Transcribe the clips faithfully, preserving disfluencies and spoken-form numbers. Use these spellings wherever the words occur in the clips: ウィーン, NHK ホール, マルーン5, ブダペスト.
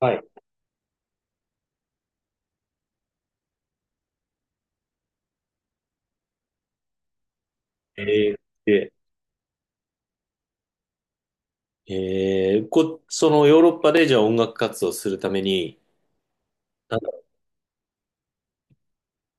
はい。えー、で、えー、こ、そのヨーロッパでじゃあ音楽活動するために、なんだろ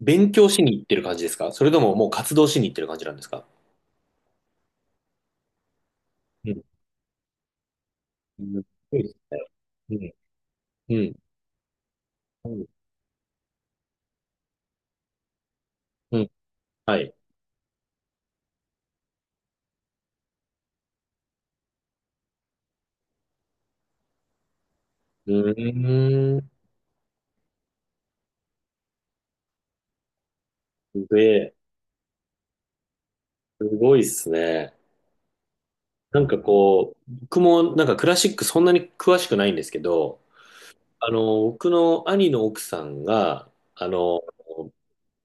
う勉強しに行ってる感じですか、それとももう活動しに行ってる感じなんですか？うん。うん、そうですね。うん。うん。うん。はい。うーん。すげえ。すごいっすね。なんかこう、僕もなんかクラシックそんなに詳しくないんですけど、あの、僕の兄の奥さんがあの、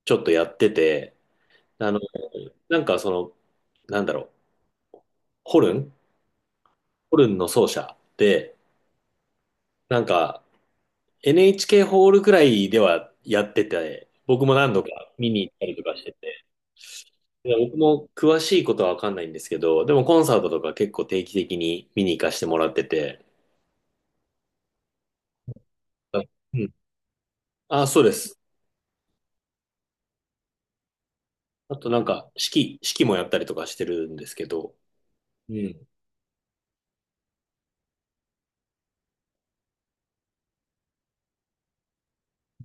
ちょっとやってて、あの、なんかその、なんだろう。ホルン、ホルンの奏者で、なんか エヌエイチケー ホールくらいではやってて、僕も何度か見に行ったりとかしてて、で僕も詳しいことはわかんないんですけど、でもコンサートとか結構定期的に見に行かせてもらってて、あうん。あ、そうです。あとなんか、式、式もやったりとかしてるんですけど、うん。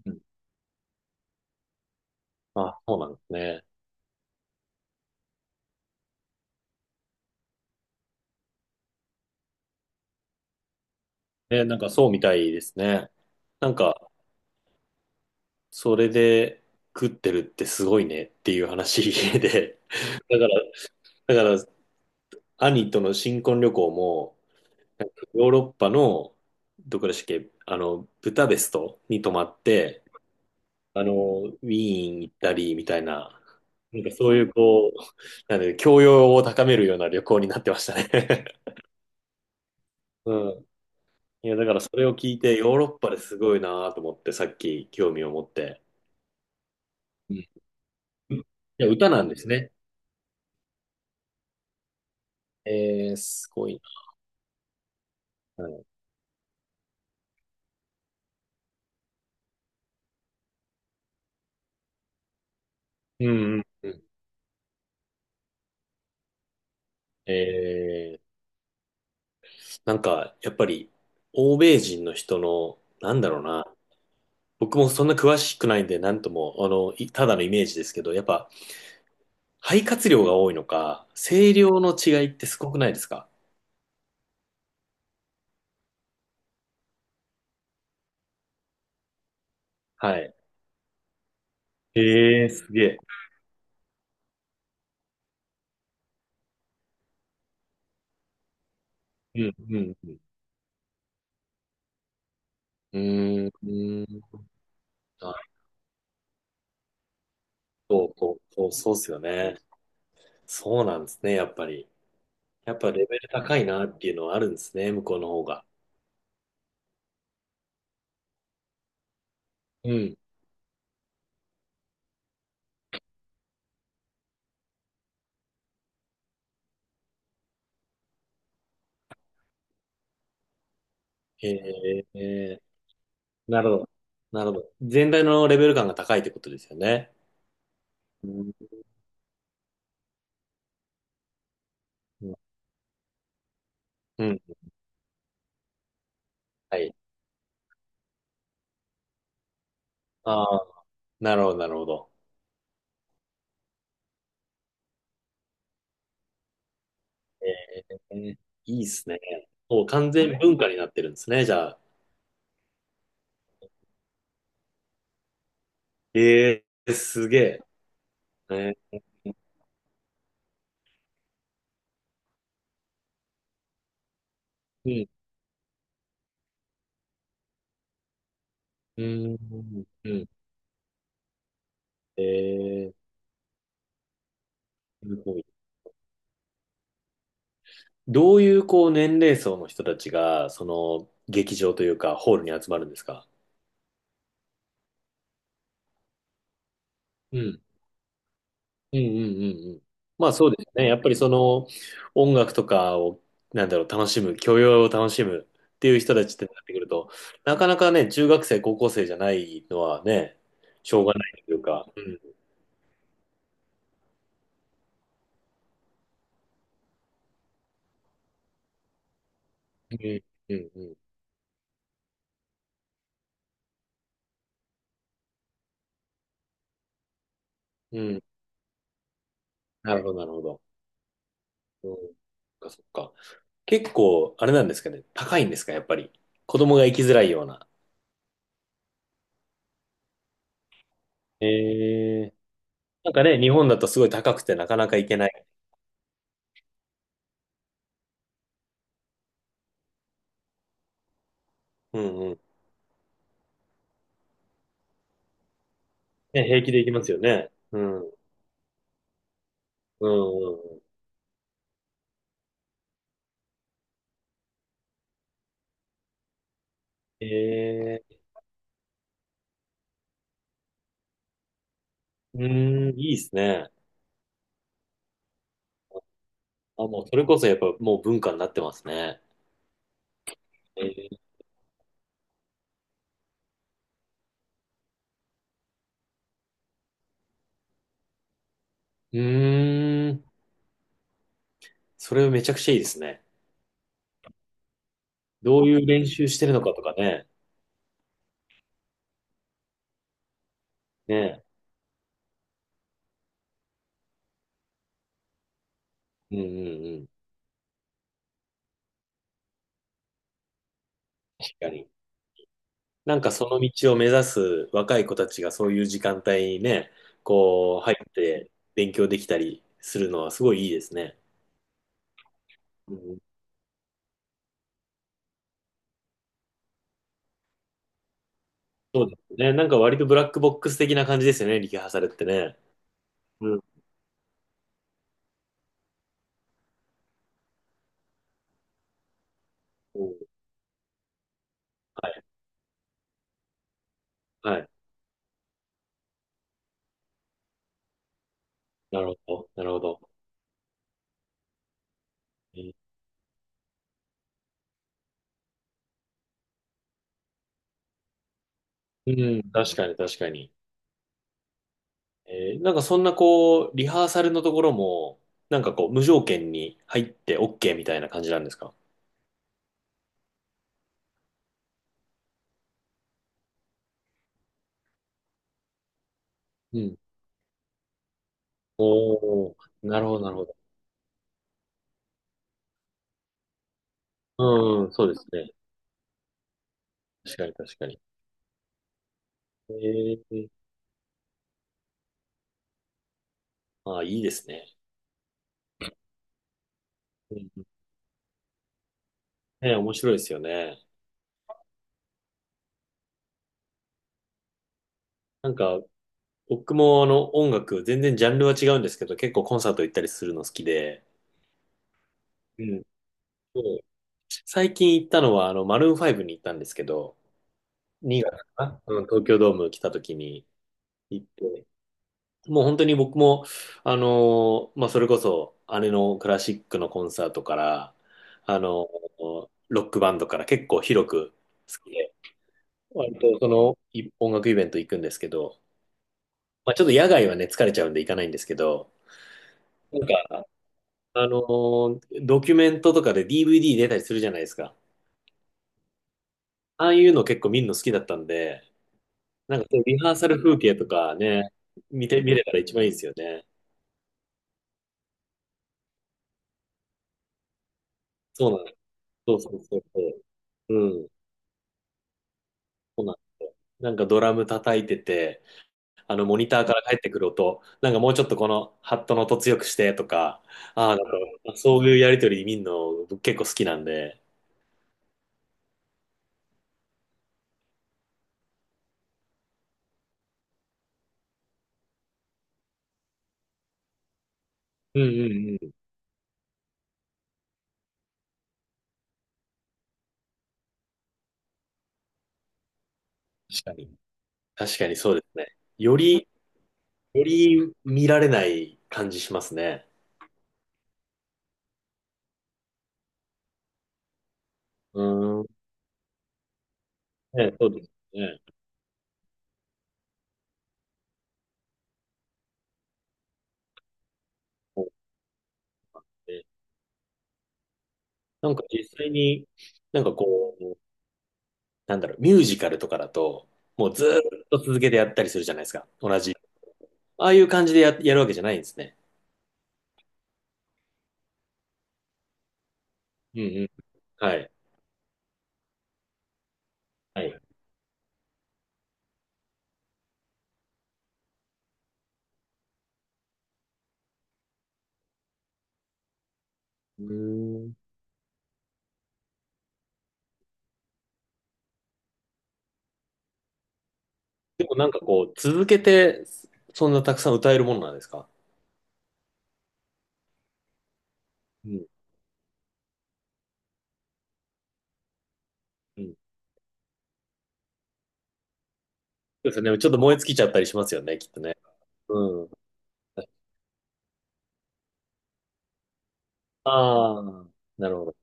うん、あ、そうなんですね。え、なんかそうみたいですね。なんか、それで食ってるってすごいねっていう話で、だからだから、兄との新婚旅行も、なんかヨーロッパの、どこでしたっけ、あの、ブダペストに泊まって、あの、ウィーン行ったり、みたいな、なんかそういう、こう、なんで、教養を高めるような旅行になってましたね。うん。いや、だからそれを聞いて、ヨーロッパですごいなと思って、さっき興味を持って。うん。いや、歌なんですね。えー、すごいな。はい、うん、うん、うん。えーなんか、やっぱり、欧米人の人の、なんだろうな、僕もそんな詳しくないんで、なんとも、あの、いただのイメージですけど、やっぱ、肺活量が多いのか、声量の違いってすごくないですか？はい。ええ、すげえ。うん、うん、うん。うーん、あ、そう、そう、そう、そうっすよね。そうなんですね、やっぱり。やっぱレベル高いなっていうのはあるんですね、向こうの方が。うん。ええ、なるほど。なるほど。全体のレベル感が高いってことですよね。うん。うん。はい。ああ、なるほど、なるほど。えー、いいっすね。もう完全文化になってるんですね、じゃあ。ええ、すげえ。えー、うん、うん、うん。えー、すごい。どういう、こう、年齢層の人たちが、その、劇場というか、ホールに集まるんですか？うん、うん、うん、うん、うん。まあそうですね。やっぱりその音楽とかを、なんだろう、楽しむ、教養を楽しむっていう人たちってなってくると、なかなかね、中学生、高校生じゃないのはね、しょうがないというか。うん。うん、うん、うん。うん。なるほど、なるほど。うん。そっか、そっか。結構、あれなんですかね。高いんですか、やっぱり。子供が行きづらいような。ええ、なんかね、日本だとすごい高くてなかなか行けない。うん、うん。ね、平気で行きますよね。うん。うん、うん、ええ、うーん、いいですね。あ、もう、それこそやっぱもう文化になってますね。ええ、うーん、それめちゃくちゃいいですね。どういう練習してるのかとかね。ね。うん、うん、うん。確かに。なんかその道を目指す若い子たちがそういう時間帯にね、こう、入って勉強できたりするのはすごいいいですね。うん、そうですね。なんか割とブラックボックス的な感じですよね、リハーサルってね。うん。うん、はい。はい。なるほど。なるほど。えうん、確かに確かに。えー、なんかそんなこう、リハーサルのところも、なんかこう、無条件に入って OK みたいな感じなんですか？うん。おお、なるほど、なるほど。うん、そうですね。確かに確かに。ええ、ああ、いいですね。うん、ね、面白いですよね。なんか、僕もあの、音楽、全然ジャンルは違うんですけど、結構コンサート行ったりするの好きで、うん。そう最近行ったのは、あの、マルーンファイブに行ったんですけど、にがつかな、うん、東京ドーム来た時に、行って、もう本当に僕も、あのー、まあ、それこそ姉のクラシックのコンサートから、あのーロックバンドから結構広く好きで、割とそのい音楽イベント行くんですけど、まあ、ちょっと野外はね、疲れちゃうんで行かないんですけど、なんか、あのードキュメントとかで ディーブイディー 出たりするじゃないですか。ああいうの結構見るの好きだったんで、なんかそういうリハーサル風景とかね、見て、見れたら一番いいですよね。そうなんです。そうそうそうそう。うん。そうなんですよ。なんかドラム叩いてて、あのモニターから帰ってくる音、なんかもうちょっとこのハットの音強くしてとか、ああ、なんかそういうやりとり見るの僕結構好きなんで、うん、うん、うん。確かに。確かにそうですね。より、より見られない感じしますね。うーん。ね、そうですね。そうですね、なんか実際に、なんかこう、なんだろう、ミュージカルとかだと、もうずーっと続けてやったりするじゃないですか。同じ。ああいう感じでや、やるわけじゃないんですね。うん、うん。はい。はい。うーん。でもなんかこう、続けて、そんなたくさん歌えるものなんですか？うん。うん。そうですよね。ちょっと燃え尽きちゃったりしますよね、きっとね。うん。ああ、なるほど。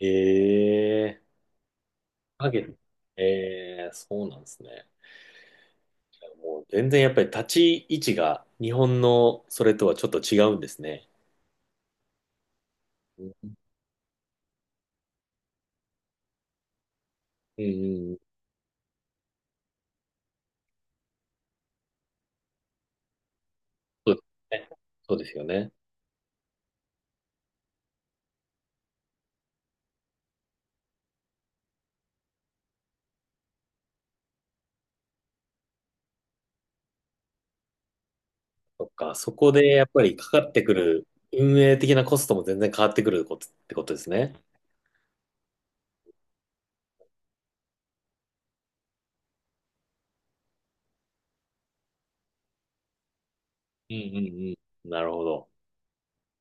ええ、影。ええ、そうなんですね。もう全然やっぱり立ち位置が日本のそれとはちょっと違うんですね。うん、うん、うん、そうですね。そうですよね。そっか、そこでやっぱりかかってくる運営的なコストも全然変わってくることってことですね。うん、うん、うん。なるほど。